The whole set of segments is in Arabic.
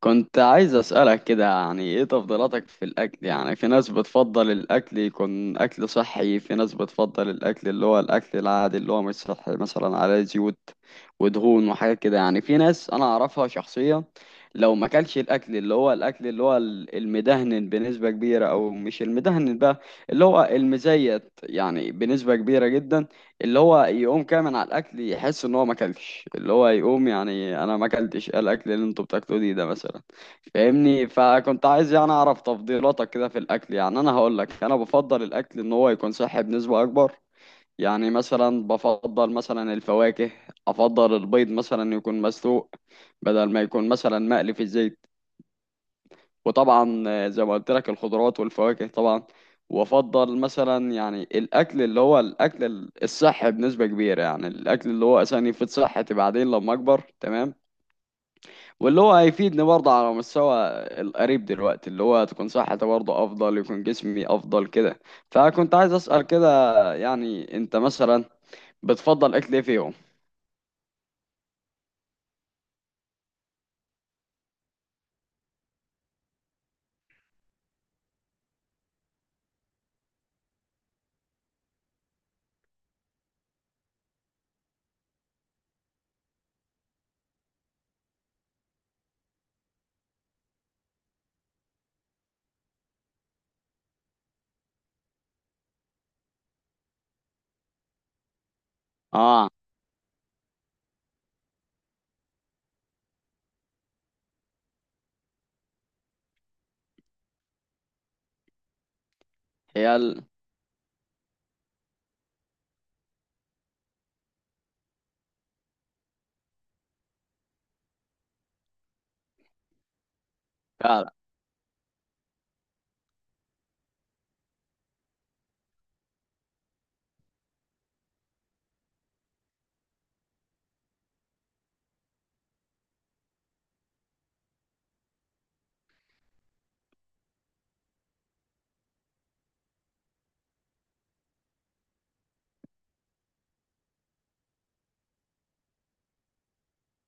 كنت عايز أسألك كده، يعني ايه تفضيلاتك في الأكل؟ يعني في ناس بتفضل الأكل يكون أكل صحي، في ناس بتفضل الأكل اللي هو الأكل العادي اللي هو مش صحي، مثلا على زيوت ودهون وحاجات كده. يعني في ناس أنا أعرفها شخصيا لو ما أكلش الأكل اللي هو الأكل اللي هو المدهن بنسبة كبيرة، أو مش المدهن بقى، اللي هو المزيت، يعني بنسبة كبيرة جدا، اللي هو يقوم كده من على الاكل يحس ان هو ما اكلش، اللي هو يقوم يعني انا ما اكلتش إيه الاكل اللي انتوا بتاكلوه دي ده مثلا. فاهمني؟ فكنت عايز يعني اعرف تفضيلاتك كده في الاكل. يعني انا هقول لك، انا بفضل الاكل ان هو يكون صحي بنسبة اكبر. يعني مثلا بفضل مثلا الفواكه، افضل البيض مثلا يكون مسلوق بدل ما يكون مثلا مقلي في الزيت، وطبعا زي ما قلت لك الخضروات والفواكه طبعا. وافضل مثلا يعني الاكل اللي هو الاكل الصحي بنسبه كبيره، يعني الاكل اللي هو اساسا يفيد صحتي بعدين لما اكبر، تمام، واللي هو هيفيدني برضه على مستوى القريب دلوقتي، اللي هو تكون صحتي برضه افضل، يكون جسمي افضل كده. فكنت عايز اسال كده يعني انت مثلا بتفضل اكل ايه فيهم؟ اه. هي فعلا.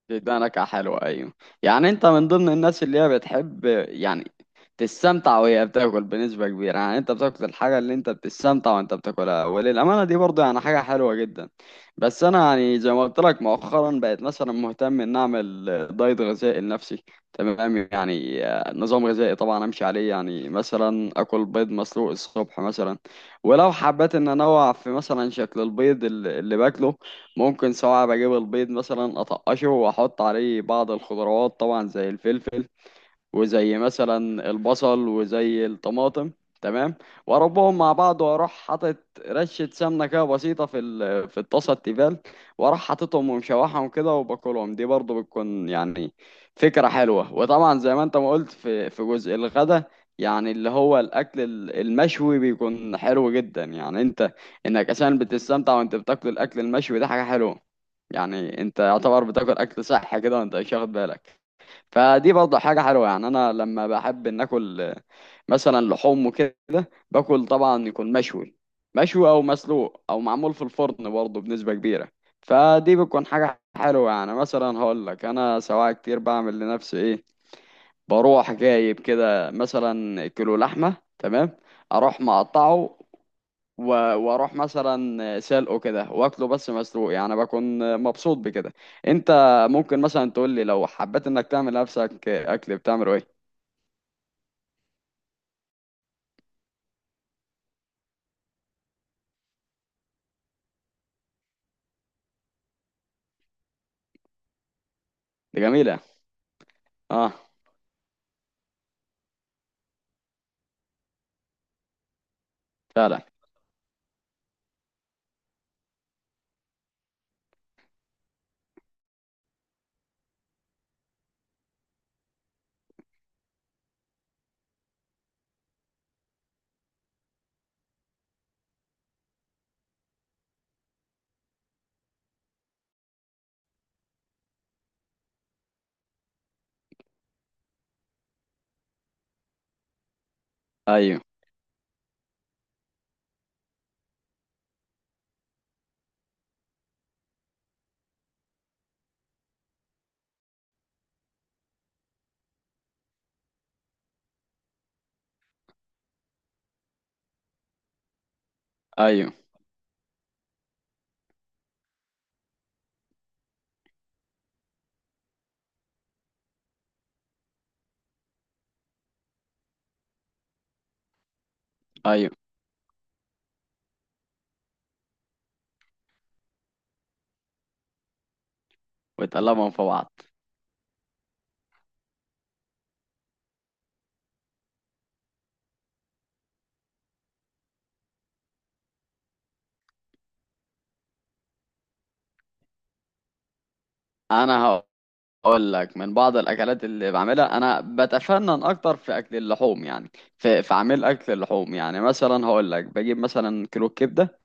بتدي نكهه حلوه، ايوه. يعني انت من ضمن الناس اللي هي بتحب يعني تستمتع وهي بتاكل بنسبة كبيرة. يعني انت بتاكل الحاجة اللي انت بتستمتع وانت بتاكلها، وللأمانة دي برضه يعني حاجة حلوة جدا. بس انا يعني زي ما قلت لك مؤخرا بقيت مثلا مهتم ان اعمل دايت غذائي لنفسي، تمام، يعني نظام غذائي طبعا امشي عليه. يعني مثلا اكل بيض مسلوق الصبح مثلا، ولو حبيت ان انوع في مثلا شكل البيض اللي باكله، ممكن سواء بجيب البيض مثلا اطقشه واحط عليه بعض الخضروات طبعا زي الفلفل وزي مثلا البصل وزي الطماطم، تمام، واربهم مع بعض، واروح حاطط رشه سمنه كده بسيطه في في الطاسه التيفال، واروح حاططهم ومشوحهم كده وباكلهم. دي برضو بتكون يعني فكره حلوه. وطبعا زي ما انت ما قلت في جزء الغدا، يعني اللي هو الاكل المشوي بيكون حلو جدا. يعني انت انك اساسا بتستمتع وانت بتاكل الاكل المشوي ده حاجه حلوه. يعني انت يعتبر بتاكل اكل صحي كده وانت مش واخد بالك، فدي برضه حاجة حلوة. يعني أنا لما بحب إن آكل مثلا لحوم وكده، باكل طبعا يكون مشوي، مشوي أو مسلوق أو معمول في الفرن برضه بنسبة كبيرة. فدي بتكون حاجة حلوة. يعني مثلا هقول لك أنا سواء كتير بعمل لنفسي إيه، بروح جايب كده مثلا كيلو لحمة، تمام، أروح مقطعه، واروح مثلا سلقه كده واكله بس مسلوق، يعني بكون مبسوط بكده. انت ممكن مثلا تقول لي لو حبيت انك تعمل نفسك اكل، بتعمله ايه؟ دي جميلة. اه. فعلا. ايوه. ايوه. ايوه. وتقلبهم في بعض. انا هقول لك من بعض الاكلات اللي بعملها، انا بتفنن اكتر في اكل اللحوم يعني، في عمل اكل اللحوم. يعني مثلا هقول لك بجيب مثلا كيلو كبدة،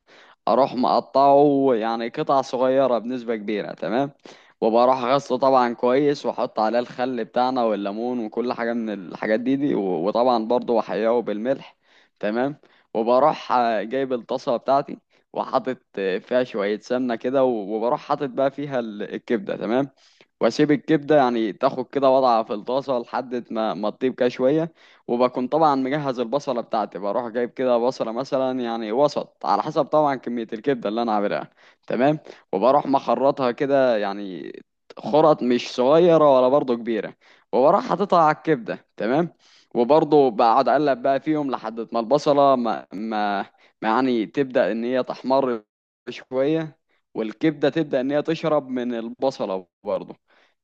اروح مقطعه يعني قطع صغيره بنسبه كبيره، تمام، وبروح غسله طبعا كويس، واحط عليه الخل بتاعنا والليمون وكل حاجه من الحاجات دي دي، وطبعا برضه احياه بالملح، تمام، وبروح جايب الطاسه بتاعتي، وحاطط فيها شويه سمنه كده وبروح حاطط بقى فيها الكبده، تمام، واسيب الكبده يعني تاخد كده وضعها في الطاسه لحد ما تطيب كده شويه. وبكون طبعا مجهز البصلة بتاعتي، بروح جايب كده بصلة مثلا يعني وسط على حسب طبعا كمية الكبدة اللي أنا عاملها، تمام، وبروح مخرطها كده، يعني خرط مش صغيرة ولا برضه كبيرة، وبروح حاططها على الكبدة، تمام، وبرضه بقعد أقلب بقى فيهم لحد ما البصلة ما يعني تبدأ إن هي تحمر شوية، والكبدة تبدأ إن هي تشرب من البصلة برضه،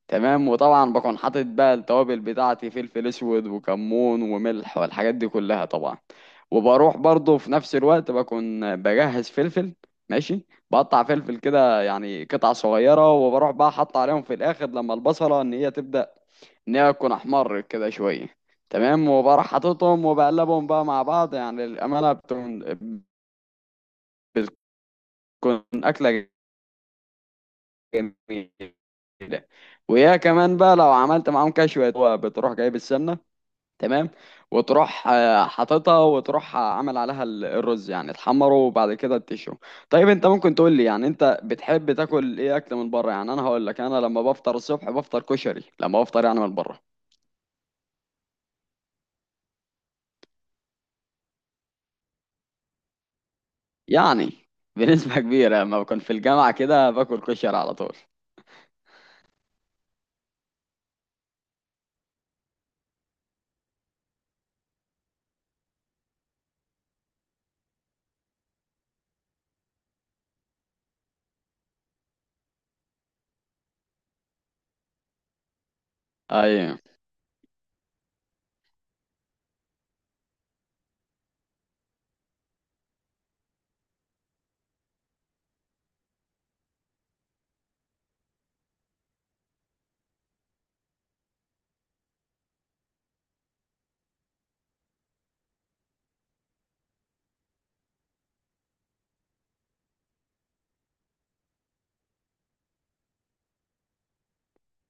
تمام. وطبعا بكون حاطط بقى التوابل بتاعتي، فلفل اسود وكمون وملح والحاجات دي كلها طبعا. وبروح برضه في نفس الوقت بكون بجهز فلفل، ماشي، بقطع فلفل كده يعني قطع صغيرة، وبروح بقى حاطط عليهم في الآخر لما البصلة إن هي تبدأ إن هي تكون أحمر كده شوية، تمام، وبروح حاططهم وبقلبهم بقى مع بعض. يعني الأمانة بتكون أكلة جميلة. ويا كمان بقى لو عملت معاهم كشوة، بتروح جايب السمنة، تمام، وتروح حاططها، وتروح عامل عليها الرز، يعني تحمره وبعد كده تشوي. طيب انت ممكن تقول لي يعني انت بتحب تاكل ايه اكل من بره؟ يعني انا هقول لك، انا لما بفطر الصبح بفطر كشري، لما بفطر يعني من بره، يعني بنسبة كبيرة لما بكون في الجامعة كده باكل كشري على طول. ايوه.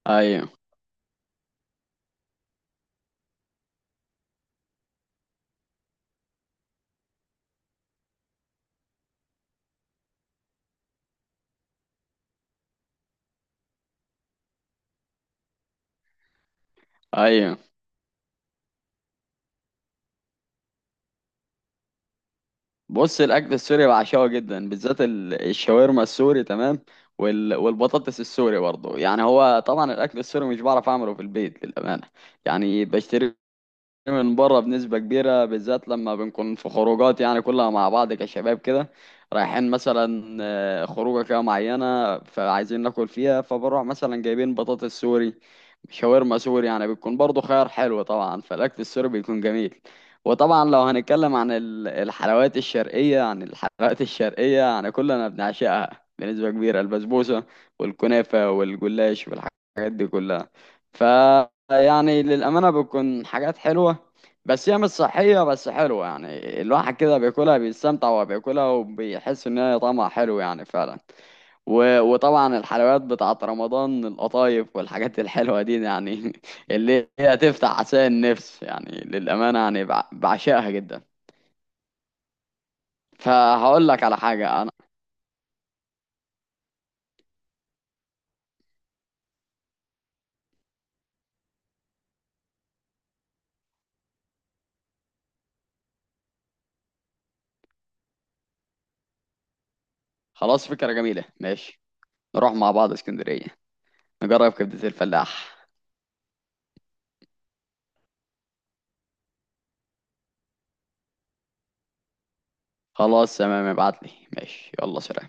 ايوه. ايوه. بص، الاكل السوري بعشقه جدا، بالذات الشاورما السوري، تمام، والبطاطس السوري برضه. يعني هو طبعا الاكل السوري مش بعرف اعمله في البيت للامانه، يعني بشتري من بره بنسبة كبيرة. بالذات لما بنكون في خروجات يعني كلها مع بعض كشباب كده، رايحين مثلا خروجة كده معينة فعايزين ناكل فيها، فبروح مثلا جايبين بطاطس سوري، شاورما سوري، يعني بيكون برضو خيار حلو. طبعا فالأكل السوري بيكون جميل. وطبعا لو هنتكلم عن الحلويات الشرقية، يعني الحلويات الشرقية يعني كلنا بنعشقها بنسبة كبيرة، البسبوسة والكنافة والجلاش والحاجات دي كلها. ف يعني للأمانة بتكون حاجات حلوة، بس هي مش صحية بس حلوة، يعني الواحد كده بياكلها بيستمتع وهو بياكلها وبيحس ان هي طعمها حلو يعني فعلا. وطبعا الحلويات بتاعت رمضان، القطايف والحاجات الحلوة دي يعني اللي هي تفتح عشان النفس، يعني للأمانة يعني بعشقها جدا. فهقول لك على حاجة انا. خلاص، فكرة جميلة، ماشي، نروح مع بعض اسكندرية، نجرب كبدة الفلاح. خلاص، تمام، ابعت لي. ماشي، يلا سلام.